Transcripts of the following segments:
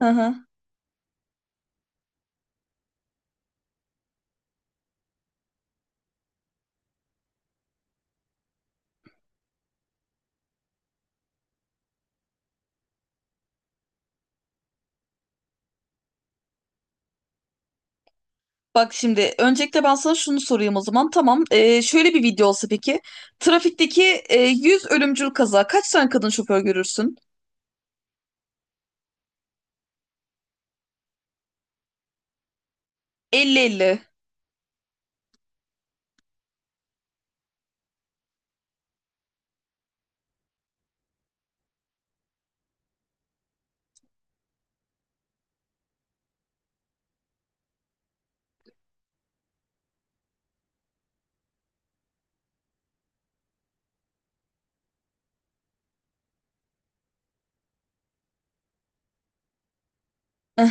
Hı hı. Bak şimdi öncelikle ben sana şunu sorayım o zaman. Tamam. Şöyle bir video olsa peki. Trafikteki 100 ölümcül kaza. Kaç tane kadın şoför görürsün? Elli, elli. Eh,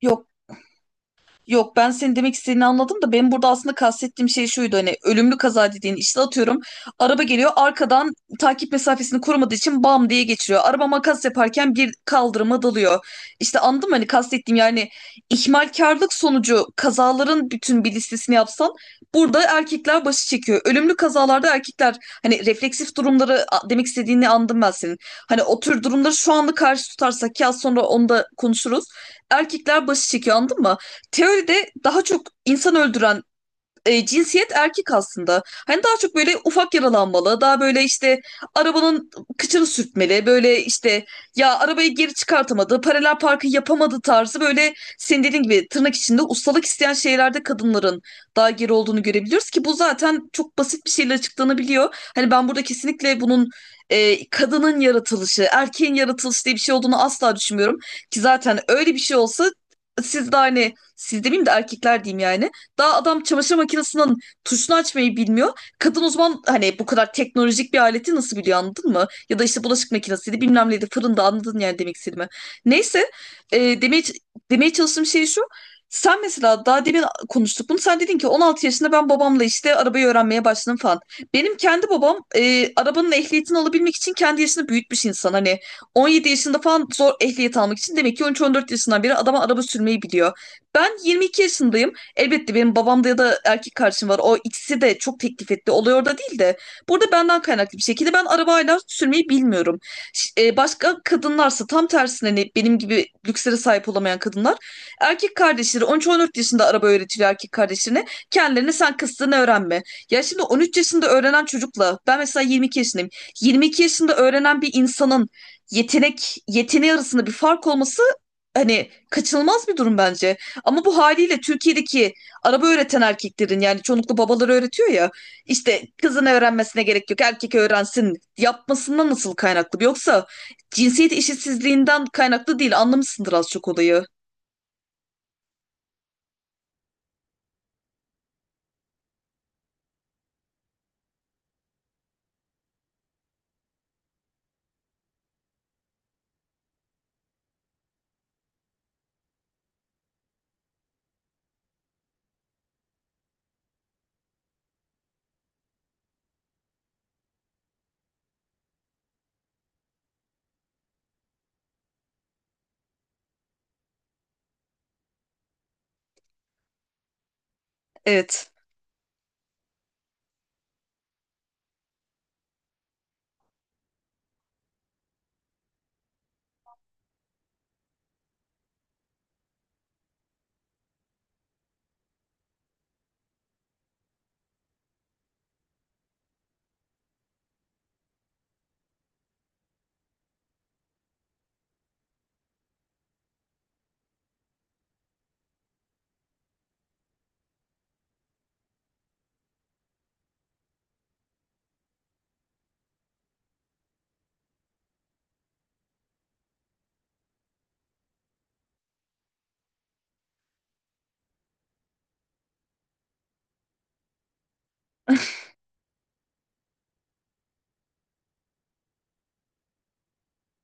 Yok, yok, ben senin demek istediğini anladım da benim burada aslında kastettiğim şey şuydu. Hani ölümlü kaza dediğin işte atıyorum, araba geliyor arkadan, takip mesafesini korumadığı için bam diye geçiriyor. Araba makas yaparken bir kaldırıma dalıyor. İşte anladın mı hani kastettiğim? Yani ihmalkarlık sonucu kazaların bütün bir listesini yapsan, burada erkekler başı çekiyor. Ölümlü kazalarda erkekler hani refleksif durumları, demek istediğini anladım ben senin. Hani o tür durumları şu anda karşı tutarsak ya, sonra onu da konuşuruz. Erkekler başı çekiyor, anladın mı? Teoride daha çok insan öldüren cinsiyet erkek aslında. Hani daha çok böyle ufak yaralanmalı, daha böyle işte arabanın kıçını sürtmeli, böyle işte ya arabayı geri çıkartamadı, paralel parkı yapamadı tarzı, böyle senin dediğin gibi tırnak içinde ustalık isteyen şeylerde kadınların daha geri olduğunu görebiliyoruz ki bu zaten çok basit bir şeyle açıklanabiliyor. Hani ben burada kesinlikle bunun kadının yaratılışı, erkeğin yaratılışı diye bir şey olduğunu asla düşünmüyorum. Ki zaten öyle bir şey olsa, siz de hani, siz demeyeyim de erkekler diyeyim yani. Daha adam çamaşır makinesinin tuşunu açmayı bilmiyor. Kadın o zaman hani bu kadar teknolojik bir aleti nasıl biliyor, anladın mı? Ya da işte bulaşık makinesiydi, bilmem neydi, fırında, anladın yani demek istediğimi. Neyse, e, demeye, demeye çalıştığım şey şu. Sen mesela daha demin konuştuk bunu. Sen dedin ki 16 yaşında ben babamla işte arabayı öğrenmeye başladım falan. Benim kendi babam arabanın ehliyetini alabilmek için kendi yaşını büyütmüş insan. Hani 17 yaşında falan zor ehliyet almak için, demek ki 13-14 yaşından beri adama araba sürmeyi biliyor. Ben 22 yaşındayım. Elbette benim babamda ya da erkek kardeşim var. O ikisi de çok teklif etti. Olay orada değil de, burada benden kaynaklı bir şekilde ben arabayla sürmeyi bilmiyorum. Başka kadınlarsa tam tersine, hani benim gibi lükslere sahip olamayan kadınlar, erkek kardeşleri on 14 yaşında araba öğretiliyor erkek kardeşlerine. Kendilerine sen kıstığını öğrenme. Ya şimdi 13 yaşında öğrenen çocukla, ben mesela 22 yaşındayım. 22 yaşında öğrenen bir insanın yeteneği arasında bir fark olması hani kaçınılmaz bir durum bence. Ama bu haliyle Türkiye'deki araba öğreten erkeklerin, yani çoğunlukla babaları öğretiyor ya, işte kızın öğrenmesine gerek yok, erkek öğrensin yapmasından nasıl kaynaklı? Yoksa cinsiyet eşitsizliğinden kaynaklı değil, anlamışsındır az çok olayı. Evet.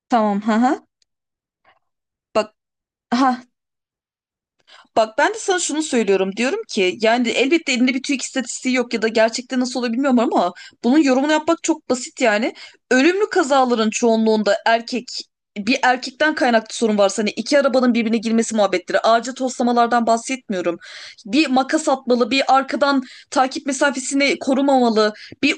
Tamam. Ha, ha. Bak. Ha, bak ben de sana şunu söylüyorum, diyorum ki, yani elbette elinde bir TÜİK istatistiği yok ya da gerçekten nasıl oluyor bilmiyorum ama bunun yorumunu yapmak çok basit yani. Ölümlü kazaların çoğunluğunda erkek, bir erkekten kaynaklı sorun varsa, hani iki arabanın birbirine girmesi muhabbetleri, ağaca toslamalardan bahsetmiyorum. Bir makas atmalı, bir arkadan takip mesafesini korumamalı, bir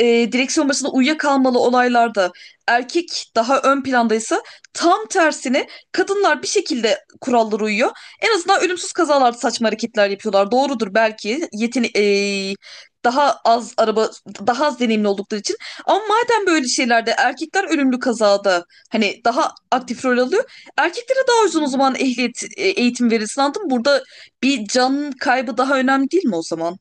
direksiyon başında uyuyakalmalı olaylarda erkek daha ön plandaysa, tam tersine kadınlar bir şekilde kurallara uyuyor. En azından ölümsüz kazalarda saçma hareketler yapıyorlar. Doğrudur belki. Yeteni daha az araba, daha az deneyimli oldukları için. Ama madem böyle şeylerde erkekler ölümlü kazada hani daha aktif rol alıyor, erkeklere daha uzun o zaman ehliyet eğitim verilsin, anladın mı? Burada bir can kaybı daha önemli değil mi o zaman?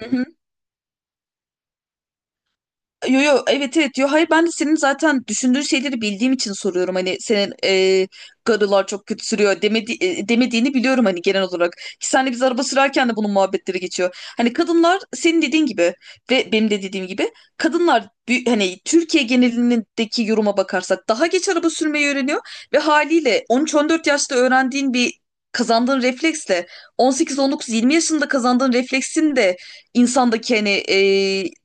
Hı hı. Yo, yo, evet, evet, yo, hayır, ben de senin zaten düşündüğün şeyleri bildiğim için soruyorum. Hani senin garılar çok kötü sürüyor demediğini biliyorum hani, genel olarak ki senle biz araba sürerken de bunun muhabbetleri geçiyor. Hani kadınlar senin dediğin gibi ve benim de dediğim gibi, hani Türkiye genelindeki yoruma bakarsak daha geç araba sürmeyi öğreniyor, ve haliyle on 14 yaşta öğrendiğin bir kazandığın refleksle 18 19 20 yaşında kazandığın refleksin de insandaki hani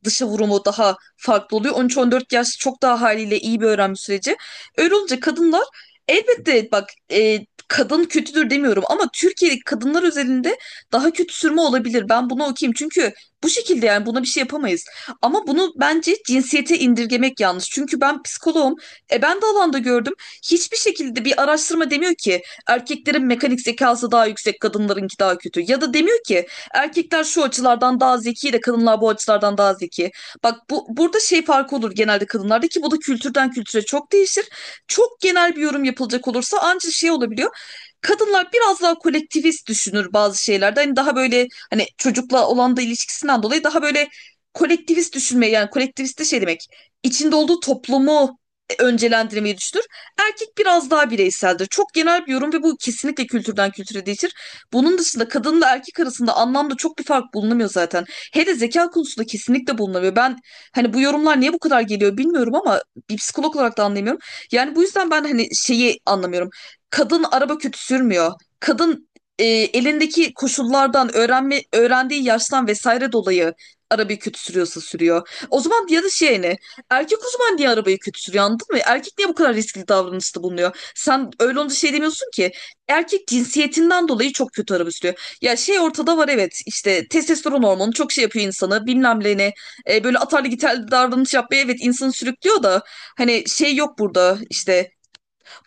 dışa vurumu daha farklı oluyor. 13 14 yaş çok daha haliyle iyi bir öğrenme süreci. Öyle olunca kadınlar, elbette bak, kadın kötüdür demiyorum ama Türkiye'deki kadınlar özelinde daha kötü sürme olabilir. Ben bunu okuyayım çünkü bu şekilde, yani buna bir şey yapamayız. Ama bunu bence cinsiyete indirgemek yanlış. Çünkü ben psikoloğum. E, ben de alanda gördüm. Hiçbir şekilde bir araştırma demiyor ki erkeklerin mekanik zekası daha yüksek, kadınlarınki daha kötü. Ya da demiyor ki erkekler şu açılardan daha zeki de kadınlar bu açılardan daha zeki. Bak, bu burada şey farkı olur genelde kadınlarda, ki bu da kültürden kültüre çok değişir. Çok genel bir yorum yapılacak olursa ancak şey olabiliyor. Kadınlar biraz daha kolektivist düşünür bazı şeylerde. Hani daha böyle hani çocukla olan da ilişkisinden dolayı daha böyle kolektivist düşünmeyi, yani kolektivist de şey demek, içinde olduğu toplumu öncelendirmeyi düşünür. Erkek biraz daha bireyseldir. Çok genel bir yorum ve bu kesinlikle kültürden kültüre değişir. Bunun dışında kadınla erkek arasında anlamda çok bir fark bulunamıyor zaten. Hele zeka konusunda kesinlikle bulunamıyor. Ben hani bu yorumlar niye bu kadar geliyor bilmiyorum ama bir psikolog olarak da anlayamıyorum. Yani bu yüzden ben hani şeyi anlamıyorum. Kadın araba kötü sürmüyor. Kadın, elindeki koşullardan, öğrendiği yaştan vesaire dolayı arabayı kötü sürüyorsa sürüyor. O zaman, ya da şey ne? Erkek uzman diye arabayı kötü sürüyor, anladın mı? Erkek niye bu kadar riskli davranışta bulunuyor? Sen öyle olunca şey demiyorsun ki erkek cinsiyetinden dolayı çok kötü arabuluyor. Ya şey ortada var, evet, işte testosteron hormonu çok şey yapıyor insanı, bilmem ne, böyle atarlı gitarlı davranış yapmaya evet insanı sürüklüyor da, hani şey yok burada işte,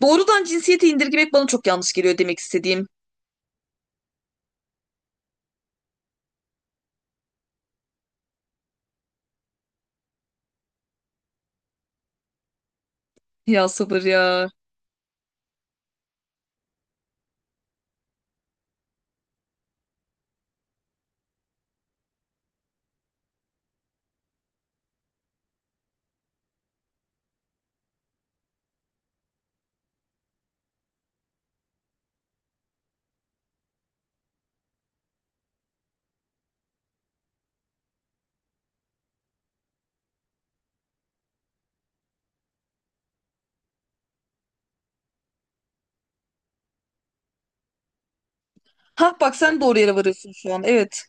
doğrudan cinsiyete indirgemek bana çok yanlış geliyor, demek istediğim. Ya sabır ya. Ha bak, sen doğru yere varıyorsun şu an, evet.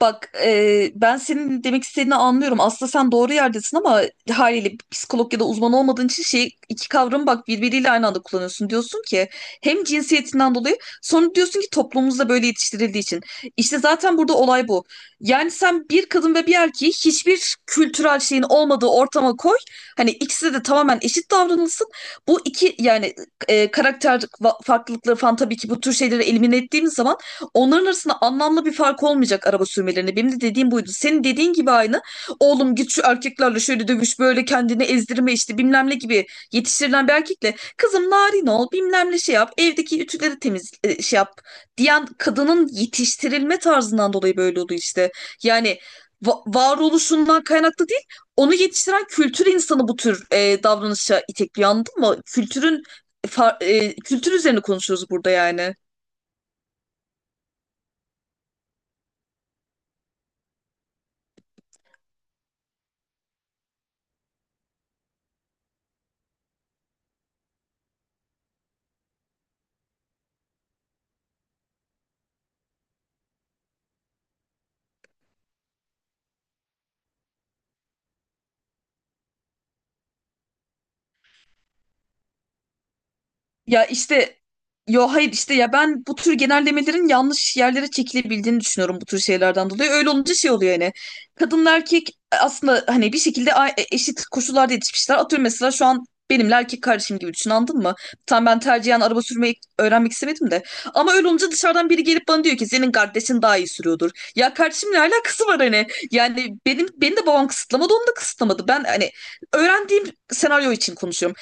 Bak, ben senin demek istediğini anlıyorum. Aslında sen doğru yerdesin ama haliyle psikolog ya da uzman olmadığın için şey, iki kavramı bak birbiriyle aynı anda kullanıyorsun. Diyorsun ki hem cinsiyetinden dolayı, sonra diyorsun ki toplumumuzda böyle yetiştirildiği için. İşte zaten burada olay bu. Yani sen bir kadın ve bir erkeği hiçbir kültürel şeyin olmadığı ortama koy. Hani ikisi de tamamen eşit davranılsın. Bu iki yani karakter farklılıkları falan, tabii ki bu tür şeyleri elimine ettiğimiz zaman onların arasında anlamlı bir fark olmayacak araba sürmelerine. Benim de dediğim buydu. Senin dediğin gibi aynı. Oğlum git şu erkeklerle şöyle dövüş, böyle kendini ezdirme işte bilmem ne gibi yetiştirilen bir erkekle, kızım narin ol, bilmem ne şey yap, evdeki ütüleri temiz şey yap diyen kadının yetiştirilme tarzından dolayı böyle oldu işte. Yani varoluşundan kaynaklı değil, onu yetiştiren kültür insanı bu tür davranışa itekliyor, anladın mı? Kültürün kültür üzerine konuşuyoruz burada yani. Ya işte yo, hayır, işte ya, ben bu tür genellemelerin yanlış yerlere çekilebildiğini düşünüyorum bu tür şeylerden dolayı. Öyle olunca şey oluyor yani. Kadın erkek aslında hani bir şekilde eşit koşullarda yetişmişler. Atıyorum mesela, şu an benimle erkek kardeşim gibi düşün, anladın mı? Tam ben tercihen araba sürmeyi öğrenmek istemedim de, ama öyle olunca dışarıdan biri gelip bana diyor ki senin kardeşin daha iyi sürüyordur. Ya kardeşim ne alakası var hani? Yani benim, beni de babam kısıtlamadı, onu da kısıtlamadı. Ben hani öğrendiğim senaryo için konuşuyorum.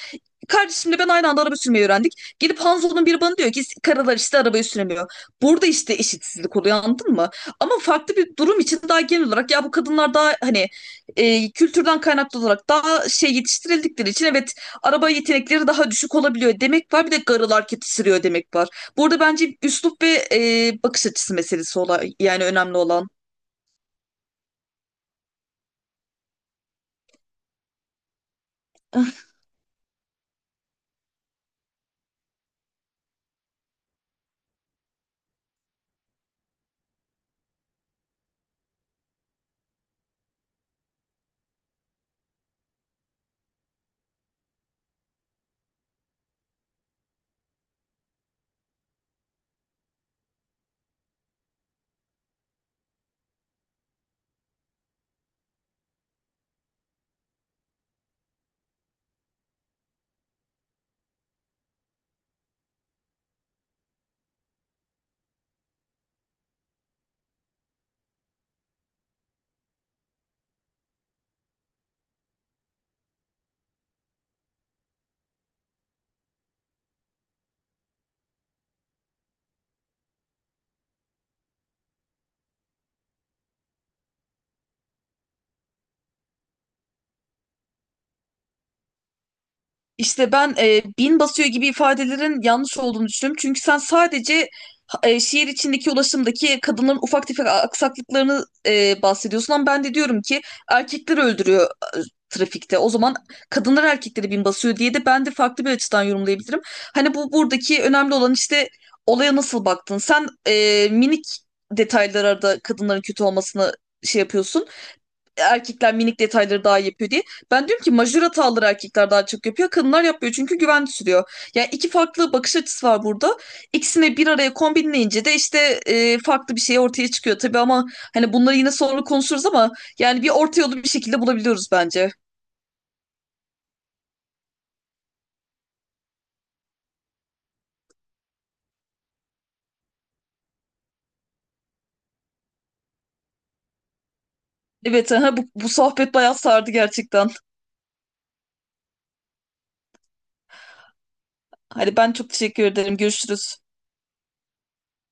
Kardeşimle ben aynı anda araba sürmeyi öğrendik. Gelip Hanzo'nun biri bana diyor ki karılar işte arabayı süremiyor. Burada işte eşitsizlik oluyor, anladın mı? Ama farklı bir durum için daha genel olarak, ya bu kadınlar daha hani kültürden kaynaklı olarak daha şey yetiştirildikleri için evet araba yetenekleri daha düşük olabiliyor demek var. Bir de karılar kötü sürüyor demek var. Burada bence üslup ve bakış açısı meselesi olay, yani önemli olan. İşte ben bin basıyor gibi ifadelerin yanlış olduğunu düşünüyorum. Çünkü sen sadece şehir içindeki ulaşımdaki kadınların ufak tefek aksaklıklarını bahsediyorsun ama ben de diyorum ki erkekler öldürüyor e, trafikte. O zaman kadınlar erkekleri bin basıyor diye de ben de farklı bir açıdan yorumlayabilirim. Hani bu, buradaki önemli olan işte olaya nasıl baktın? Sen minik detaylara da kadınların kötü olmasını şey yapıyorsun, erkekler minik detayları daha iyi yapıyor diye. Ben diyorum ki majör hataları erkekler daha çok yapıyor. Kadınlar yapmıyor çünkü güven sürüyor. Yani iki farklı bakış açısı var burada. İkisini bir araya kombinleyince de işte farklı bir şey ortaya çıkıyor tabii ama hani bunları yine sonra konuşuruz ama yani bir orta yolu bir şekilde bulabiliyoruz bence. Evet, aha, bu sohbet bayağı sardı gerçekten. Hadi ben çok teşekkür ederim. Görüşürüz.